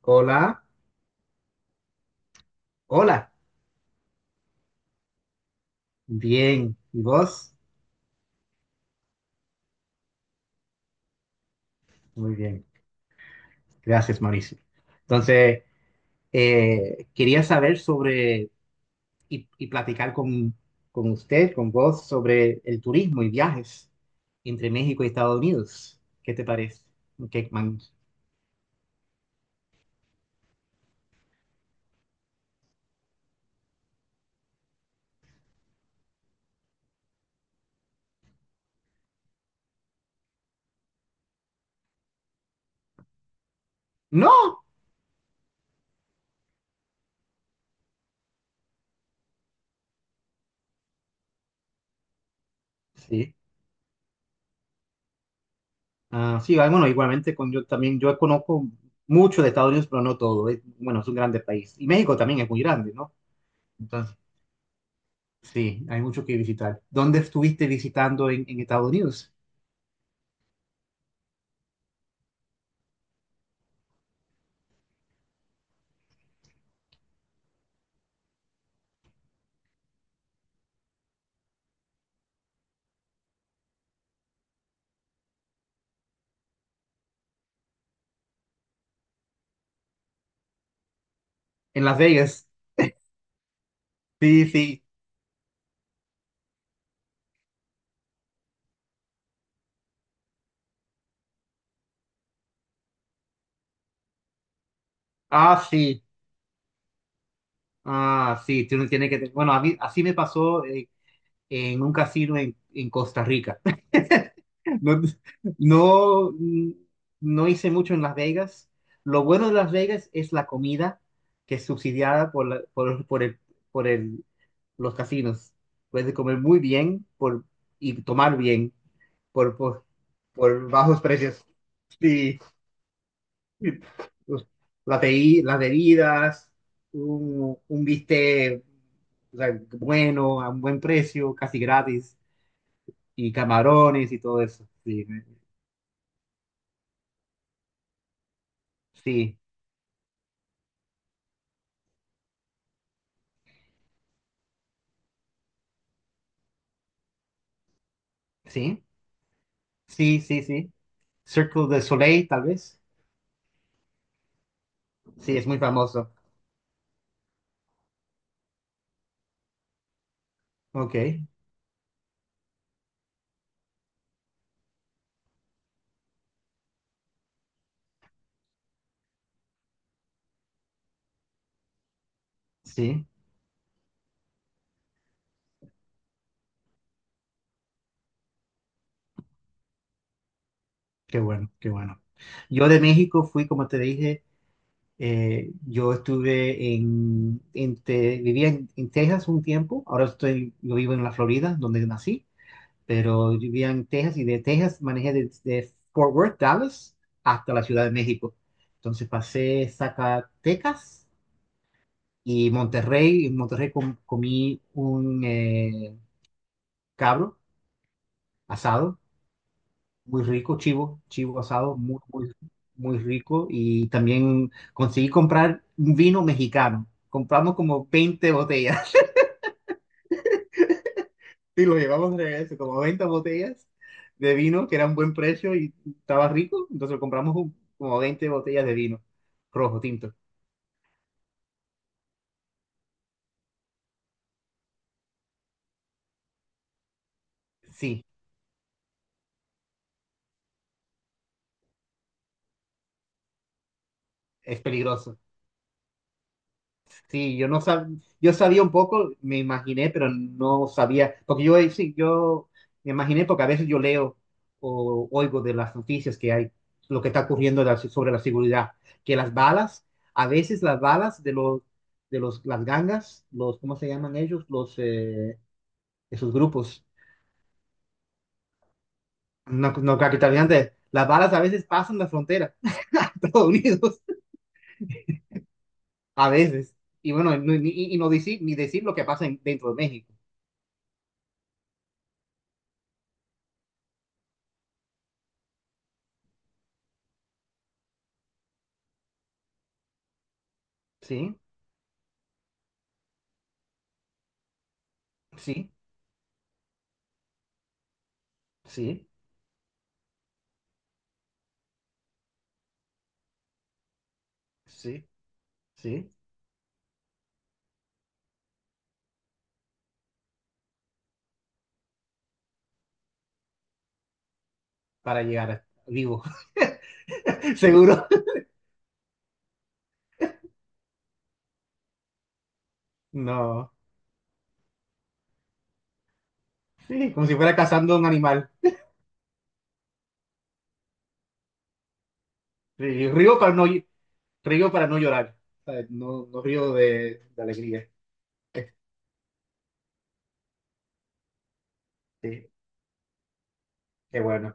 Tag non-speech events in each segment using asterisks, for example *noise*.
Hola, hola, bien. ¿Y vos? Muy bien. Gracias, Mauricio. Entonces, quería saber sobre y platicar con usted, con vos, sobre el turismo y viajes entre México y Estados Unidos. ¿Qué te parece? ¿Qué man- No, sí. Ah, sí, ah, bueno, igualmente con yo también, yo conozco mucho de Estados Unidos, pero no todo. Es- bueno, es un grande país. Y México también es muy grande, ¿no? Entonces, sí, hay mucho que visitar. ¿Dónde estuviste visitando en Estados Unidos? En Las Vegas. Sí, sí. Ah, sí. Ah, sí. Tú no tienes que... Bueno, a mí, así me pasó en un casino en Costa Rica. *laughs* No, no, no hice mucho en Las Vegas. Lo bueno de Las Vegas es la comida que es subsidiada por, la- por el- los casinos. Puedes comer muy bien por, y tomar bien por, por, por bajos precios. Sí, pues, la bebi- las bebidas, un bistec, o sea, bueno, a un buen precio, casi gratis, y camarones y todo eso. Sí, sí, sí. Sí, sí, sí. Circle de Soleil, tal vez. Sí, es muy famoso. Ok, sí, qué bueno, qué bueno. Yo de México fui, como te dije, yo estuve en Te- vivía en Texas un tiempo, ahora estoy, yo vivo en la Florida, donde nací, pero yo vivía en Texas y de Texas manejé desde Fort Worth, Dallas, hasta la Ciudad de México. Entonces pasé Zacatecas y Monterrey, en Monterrey com- comí un cabro asado, muy rico, chivo, chivo asado, muy, muy, muy rico. Y también conseguí comprar un vino mexicano. Compramos como 20 botellas. *laughs* Y lo llevamos de regreso, como 20 botellas de vino, que era un buen precio y estaba rico. Entonces compramos un- como 20 botellas de vino rojo tinto. Sí, es peligroso. Sí, yo no sab... yo sabía un poco, me imaginé, pero no sabía, porque yo sí, yo me imaginé porque a veces yo leo o oigo de las noticias que hay, lo que está ocurriendo de la- sobre la seguridad, que las balas, a veces las balas de los las gangas, los, ¿cómo se llaman ellos? Los, esos grupos, no, no narcotraficantes, las balas a veces pasan la frontera *laughs* a Estados Unidos, a veces, y bueno, y no decir, ni decir lo que pasa en- dentro de México, ¿sí? Sí. Sí, sí, sí, para llegar vivo. *laughs* Seguro. No, sí, como si fuera cazando un animal. Sí, río para no, ll- río para no llorar, ¿sabes? No, no río de alegría. Sí, qué bueno,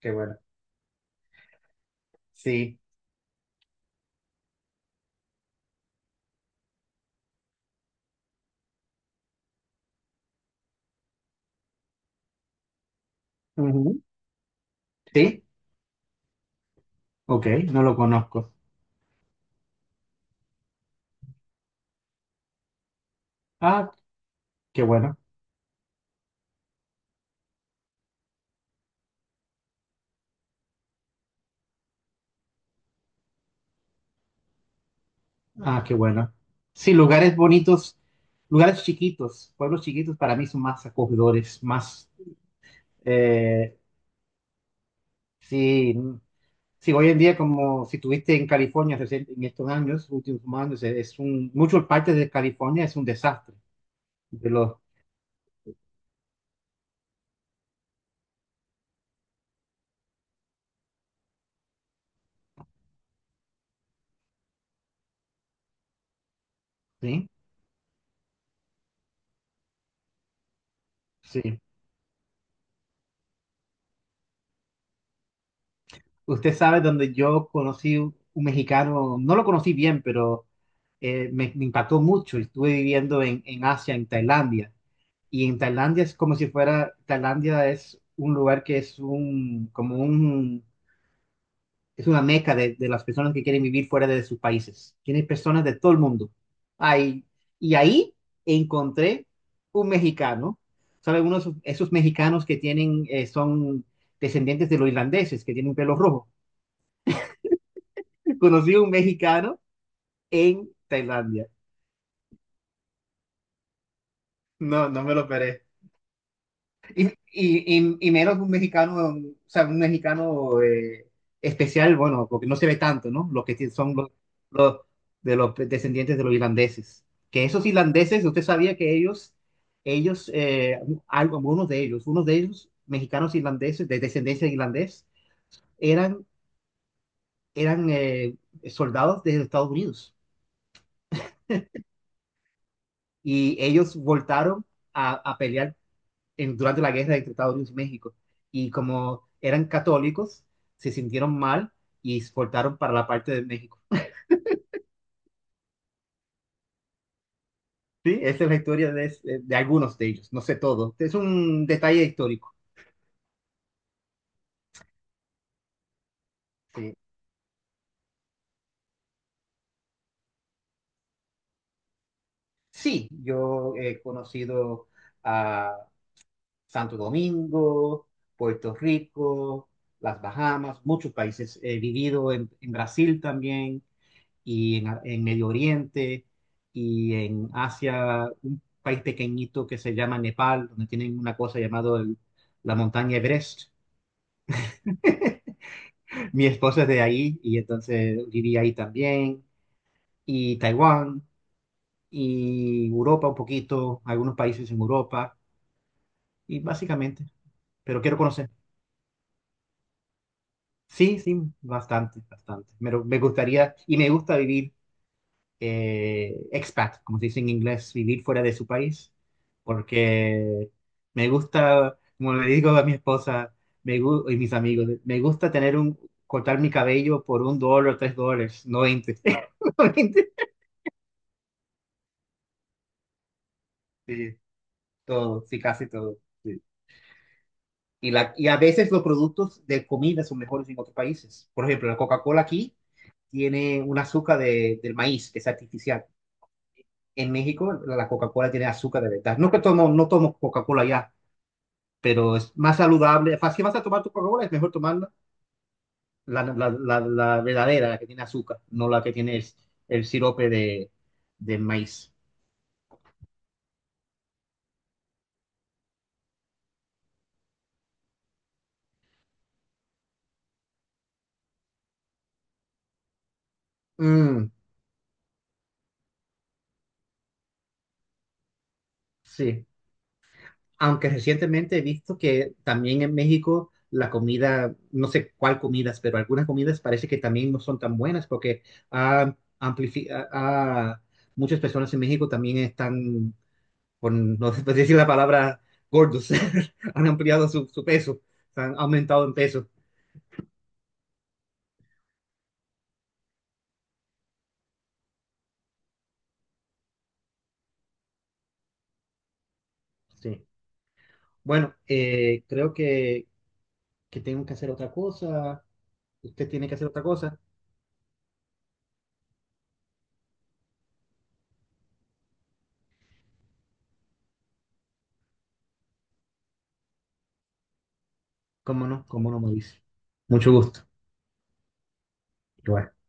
qué bueno. Sí, ujú, sí, ok, no lo conozco. Ah, qué bueno, ah, qué bueno. Sí, lugares bonitos, lugares chiquitos, pueblos chiquitos para mí son más acogedores, más, eh, sí. Sí, hoy en día, como si tuviste en California recién- en estos años, últimos años, es un, muchas partes de California es un desastre. De los, sí, sí. Usted sabe donde yo conocí un mexicano, no lo conocí bien, pero me, me impactó mucho. Estuve viviendo en Asia, en Tailandia. Y en Tailandia es como si fuera, Tailandia es un lugar que es un, como un, es una meca de las personas que quieren vivir fuera de sus países. Tiene personas de todo el mundo. Ahí, y ahí encontré un mexicano, ¿sabe? Uno de esos, esos mexicanos que tienen, son descendientes de los irlandeses, que tienen pelo rojo. *laughs* Conocí a un mexicano en Tailandia. No, no me lo esperé. Y menos un mexicano, o sea, un mexicano especial, bueno, porque no se ve tanto, ¿no? Los que sí son los- de los descendientes de los irlandeses. Que esos irlandeses, usted sabía que ellos, ellos, eh, algo- algunos de ellos, unos de ellos, mexicanos irlandeses, de descendencia irlandés, eran, eran soldados de Estados Unidos. Y ellos voltaron a pelear en, durante la guerra de Tratado de México. Y como eran católicos, se sintieron mal y exportaron para la parte de México. Sí, esa es la historia de algunos de ellos, no sé todo. Es un detalle histórico. Sí, sí yo he conocido a Santo Domingo, Puerto Rico, las Bahamas, muchos países. He vivido en Brasil también y en, Ar- en Medio Oriente y en Asia, un país pequeñito que se llama Nepal, donde tienen una cosa llamada el- la montaña Everest. *laughs* Mi esposa es de ahí y entonces viví ahí también. Y Taiwán y Europa un poquito, algunos países en Europa y básicamente, pero quiero conocer. Sí, sí, bastante, bastante. Pero me gustaría y me gusta vivir expat, como se dice en inglés, vivir fuera de su país, porque me gusta, como le digo a mi esposa, me gu- y mis amigos, me gusta tener un, cortar mi cabello por un dólar o tres dólares, no 20. *laughs* No 20. Sí, todo, sí, casi todo. Sí. Y, la, y a veces los productos de comida son mejores en otros países. Por ejemplo, la Coca-Cola aquí tiene un azúcar de- del maíz, que es artificial. En México, la Coca-Cola tiene azúcar de verdad. No que tomo, no tomo Coca-Cola ya, pero es más saludable. Fa- Si vas a tomar tu Coca-Cola, es mejor tomar la verdadera, la que tiene azúcar, no la que tiene el sirope de maíz. Mm, sí, aunque recientemente he visto que también en México la comida, no sé cuál comidas, pero algunas comidas parece que también no son tan buenas porque ah, amplifi- ah, ah, muchas personas en México también están, por no sé *laughs* decir la palabra, gordos, *laughs* han ampliado su, su peso, han aumentado en peso. Sí. Bueno, creo que tengo que hacer otra cosa. Usted tiene que hacer otra cosa. ¿Cómo no? ¿Cómo no me dice? Mucho gusto. Igual.